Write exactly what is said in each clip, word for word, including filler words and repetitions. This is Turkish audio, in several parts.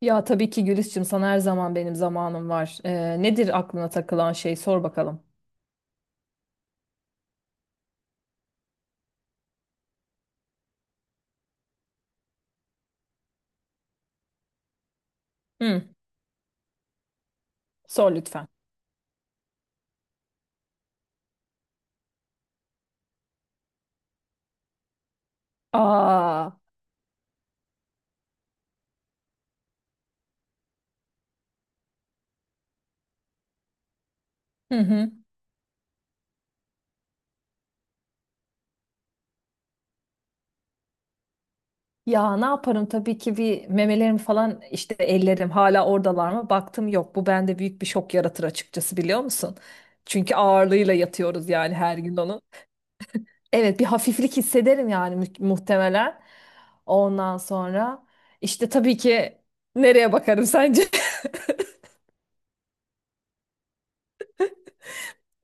Ya tabii ki Gülis'cim sana her zaman benim zamanım var. Ee, nedir aklına takılan şey sor bakalım. Hı, Sor lütfen. Aa, hı hı. Ya ne yaparım, tabii ki. Bir memelerim falan, işte ellerim hala oradalar mı? Baktım, yok. Bu bende büyük bir şok yaratır açıkçası, biliyor musun? Çünkü ağırlığıyla yatıyoruz yani her gün onun. Evet, bir hafiflik hissederim yani mu- muhtemelen. Ondan sonra işte tabii ki nereye bakarım sence?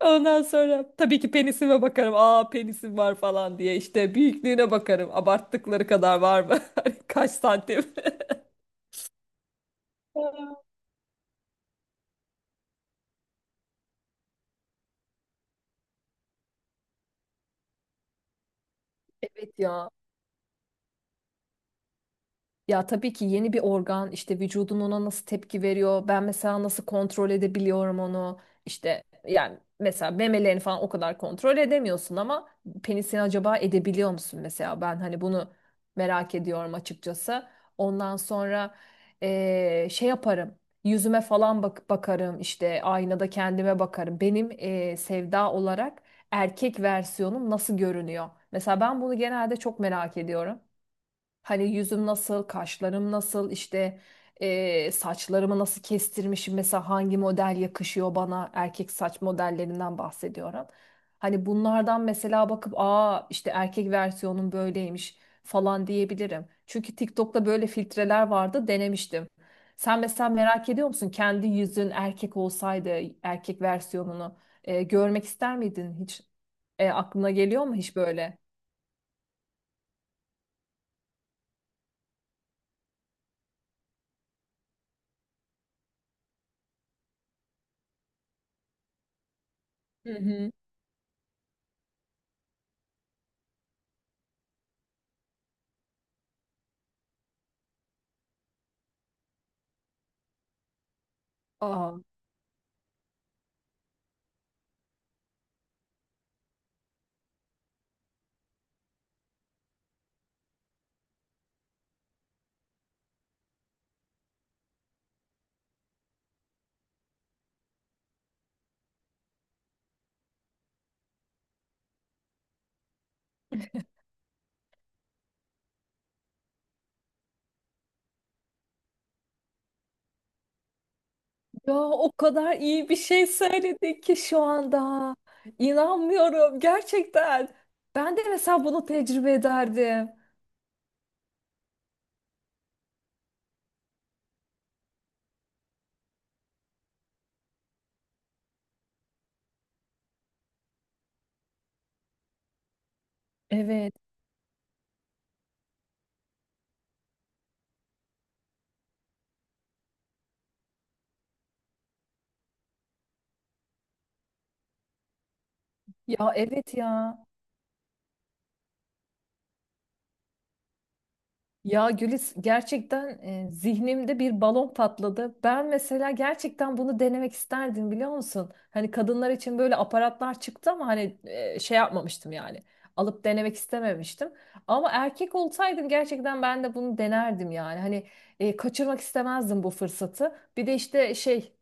Ondan sonra tabii ki penisime bakarım. Aa, penisim var falan diye işte büyüklüğüne bakarım. Abarttıkları kadar var mı? Hani, kaç santim? Evet ya. Ya tabii ki yeni bir organ, işte vücudun ona nasıl tepki veriyor. Ben mesela nasıl kontrol edebiliyorum onu. İşte yani mesela memelerini falan o kadar kontrol edemiyorsun ama penisini acaba edebiliyor musun mesela? Ben hani bunu merak ediyorum açıkçası. Ondan sonra eee, şey yaparım. Yüzüme falan bak bakarım, işte aynada kendime bakarım. Benim eee, sevda olarak erkek versiyonum nasıl görünüyor? Mesela ben bunu genelde çok merak ediyorum. Hani yüzüm nasıl, kaşlarım nasıl, işte eee, saçlarımı nasıl kestirmişim, mesela hangi model yakışıyor bana, erkek saç modellerinden bahsediyorum. Hani bunlardan mesela bakıp, aa işte erkek versiyonun böyleymiş falan diyebilirim. Çünkü TikTok'ta böyle filtreler vardı, denemiştim. Sen mesela merak ediyor musun, kendi yüzün erkek olsaydı erkek versiyonunu eee, görmek ister miydin hiç? E, aklına geliyor mu hiç böyle? Hı hı. Aa. Ya o kadar iyi bir şey söyledin ki şu anda. İnanmıyorum gerçekten. Ben de mesela bunu tecrübe ederdim. Evet. Ya evet ya. Ya Gülis, gerçekten e, zihnimde bir balon patladı. Ben mesela gerçekten bunu denemek isterdim, biliyor musun? Hani kadınlar için böyle aparatlar çıktı ama hani e, şey yapmamıştım yani. Alıp denemek istememiştim. Ama erkek olsaydım gerçekten ben de bunu denerdim yani. Hani e, kaçırmak istemezdim bu fırsatı. Bir de işte şey,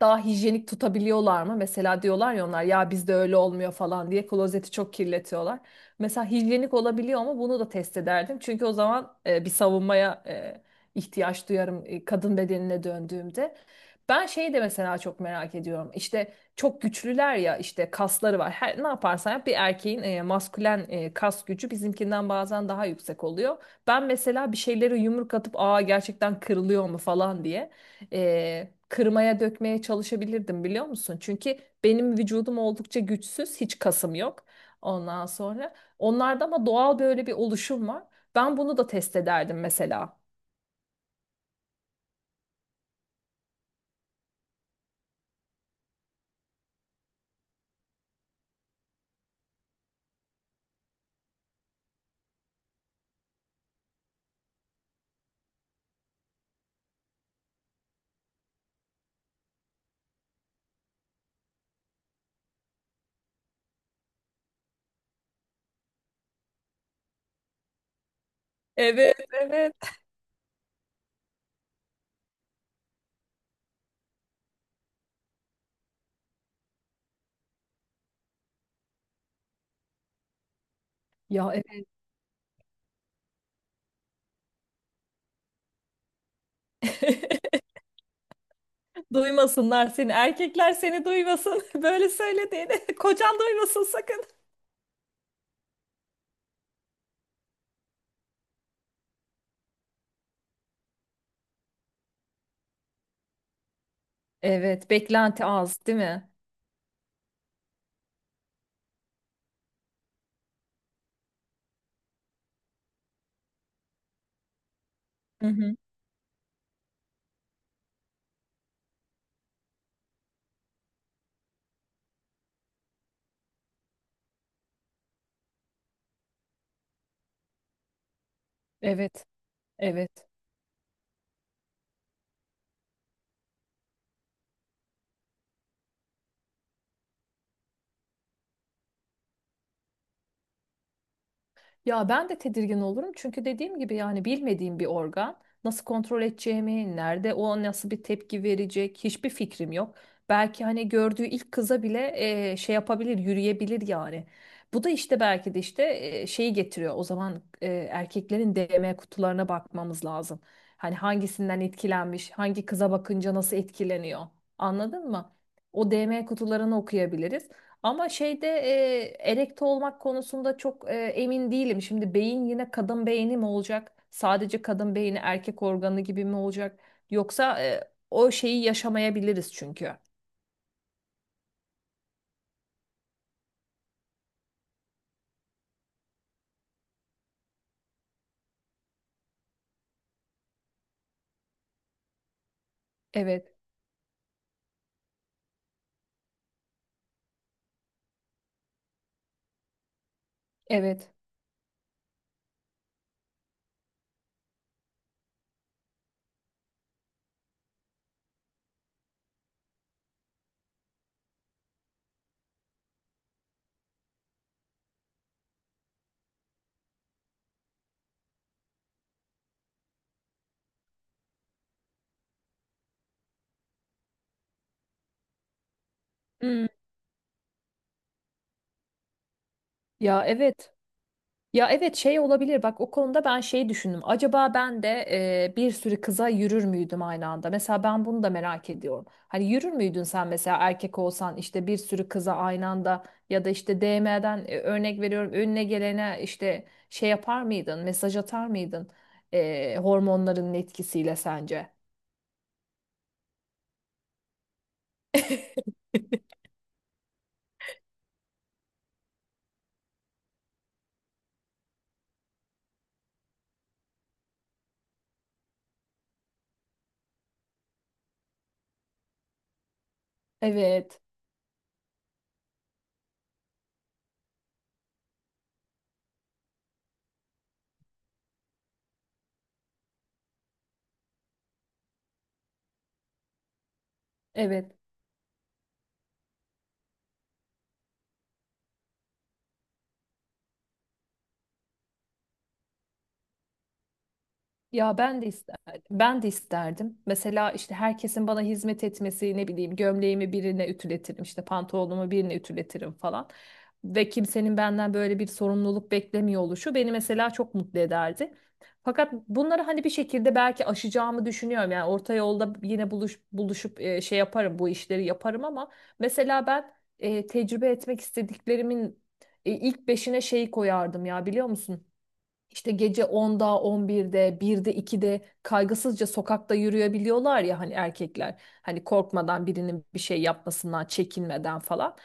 daha hijyenik tutabiliyorlar mı? Mesela diyorlar ya, onlar ya bizde öyle olmuyor falan diye klozeti çok kirletiyorlar. Mesela hijyenik olabiliyor mu? Bunu da test ederdim. Çünkü o zaman e, bir savunmaya e, ihtiyaç duyarım e, kadın bedenine döndüğümde. Ben şeyi de mesela çok merak ediyorum. İşte çok güçlüler ya, işte kasları var. Her, ne yaparsan yap bir erkeğin e, maskülen e, kas gücü bizimkinden bazen daha yüksek oluyor. Ben mesela bir şeyleri yumruk atıp aa gerçekten kırılıyor mu falan diye e, kırmaya dökmeye çalışabilirdim, biliyor musun? Çünkü benim vücudum oldukça güçsüz, hiç kasım yok. Ondan sonra onlarda ama doğal böyle bir oluşum var. Ben bunu da test ederdim mesela. Evet, evet. Ya evet. Duymasınlar seni. Erkekler seni duymasın. Böyle söylediğini. Kocan duymasın sakın. Evet, beklenti az, değil mi? Hı hı. Evet, evet. Ya ben de tedirgin olurum çünkü dediğim gibi yani bilmediğim bir organ, nasıl kontrol edeceğimi, nerede o nasıl bir tepki verecek hiçbir fikrim yok. Belki hani gördüğü ilk kıza bile e, şey yapabilir, yürüyebilir yani. Bu da işte belki de işte e, şeyi getiriyor. O zaman e, erkeklerin D M kutularına bakmamız lazım. Hani hangisinden etkilenmiş, hangi kıza bakınca nasıl etkileniyor. Anladın mı? O D M kutularını okuyabiliriz. Ama şeyde e, erekte olmak konusunda çok e, emin değilim. Şimdi beyin yine kadın beyni mi olacak? Sadece kadın beyni erkek organı gibi mi olacak? Yoksa e, o şeyi yaşamayabiliriz çünkü. Evet, evet. Hmm. Ya evet. Ya evet, şey olabilir bak, o konuda ben şeyi düşündüm. Acaba ben de e, bir sürü kıza yürür müydüm aynı anda? Mesela ben bunu da merak ediyorum. Hani yürür müydün sen mesela erkek olsan işte bir sürü kıza aynı anda, ya da işte D M'den e, örnek veriyorum önüne gelene işte şey yapar mıydın? Mesaj atar mıydın? E, hormonların etkisiyle sence? Evet. Evet. Ya ben de isterdim. Ben de isterdim. Mesela işte herkesin bana hizmet etmesi, ne bileyim, gömleğimi birine ütületirim, işte pantolonumu birine ütületirim falan. Ve kimsenin benden böyle bir sorumluluk beklemiyor oluşu beni mesela çok mutlu ederdi. Fakat bunları hani bir şekilde belki aşacağımı düşünüyorum. Yani orta yolda yine buluş, buluşup e, şey yaparım, bu işleri yaparım ama mesela ben e, tecrübe etmek istediklerimin e, ilk beşine şeyi koyardım ya, biliyor musun? İşte gece onda, birde 1'de, ikide kaygısızca sokakta yürüyebiliyorlar ya, hani erkekler. Hani korkmadan birinin bir şey yapmasından, çekinmeden falan.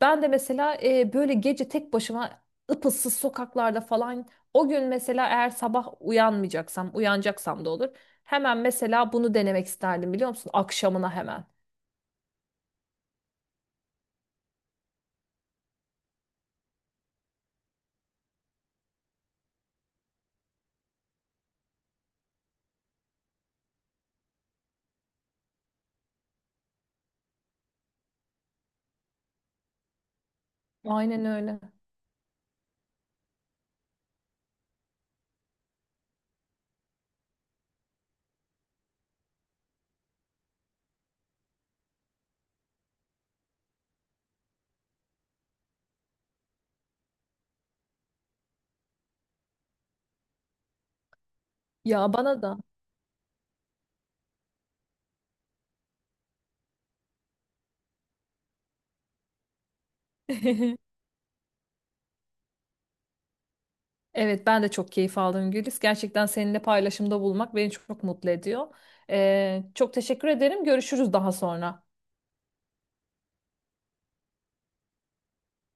Ben de mesela e, böyle gece tek başıma ıpıssız sokaklarda falan, o gün mesela eğer sabah uyanmayacaksam, uyanacaksam da olur. Hemen mesela bunu denemek isterdim, biliyor musun? Akşamına hemen. Aynen öyle. Ya bana da. Evet, ben de çok keyif aldım Gülis. Gerçekten seninle paylaşımda bulmak beni çok mutlu ediyor. Ee, çok teşekkür ederim. Görüşürüz daha sonra.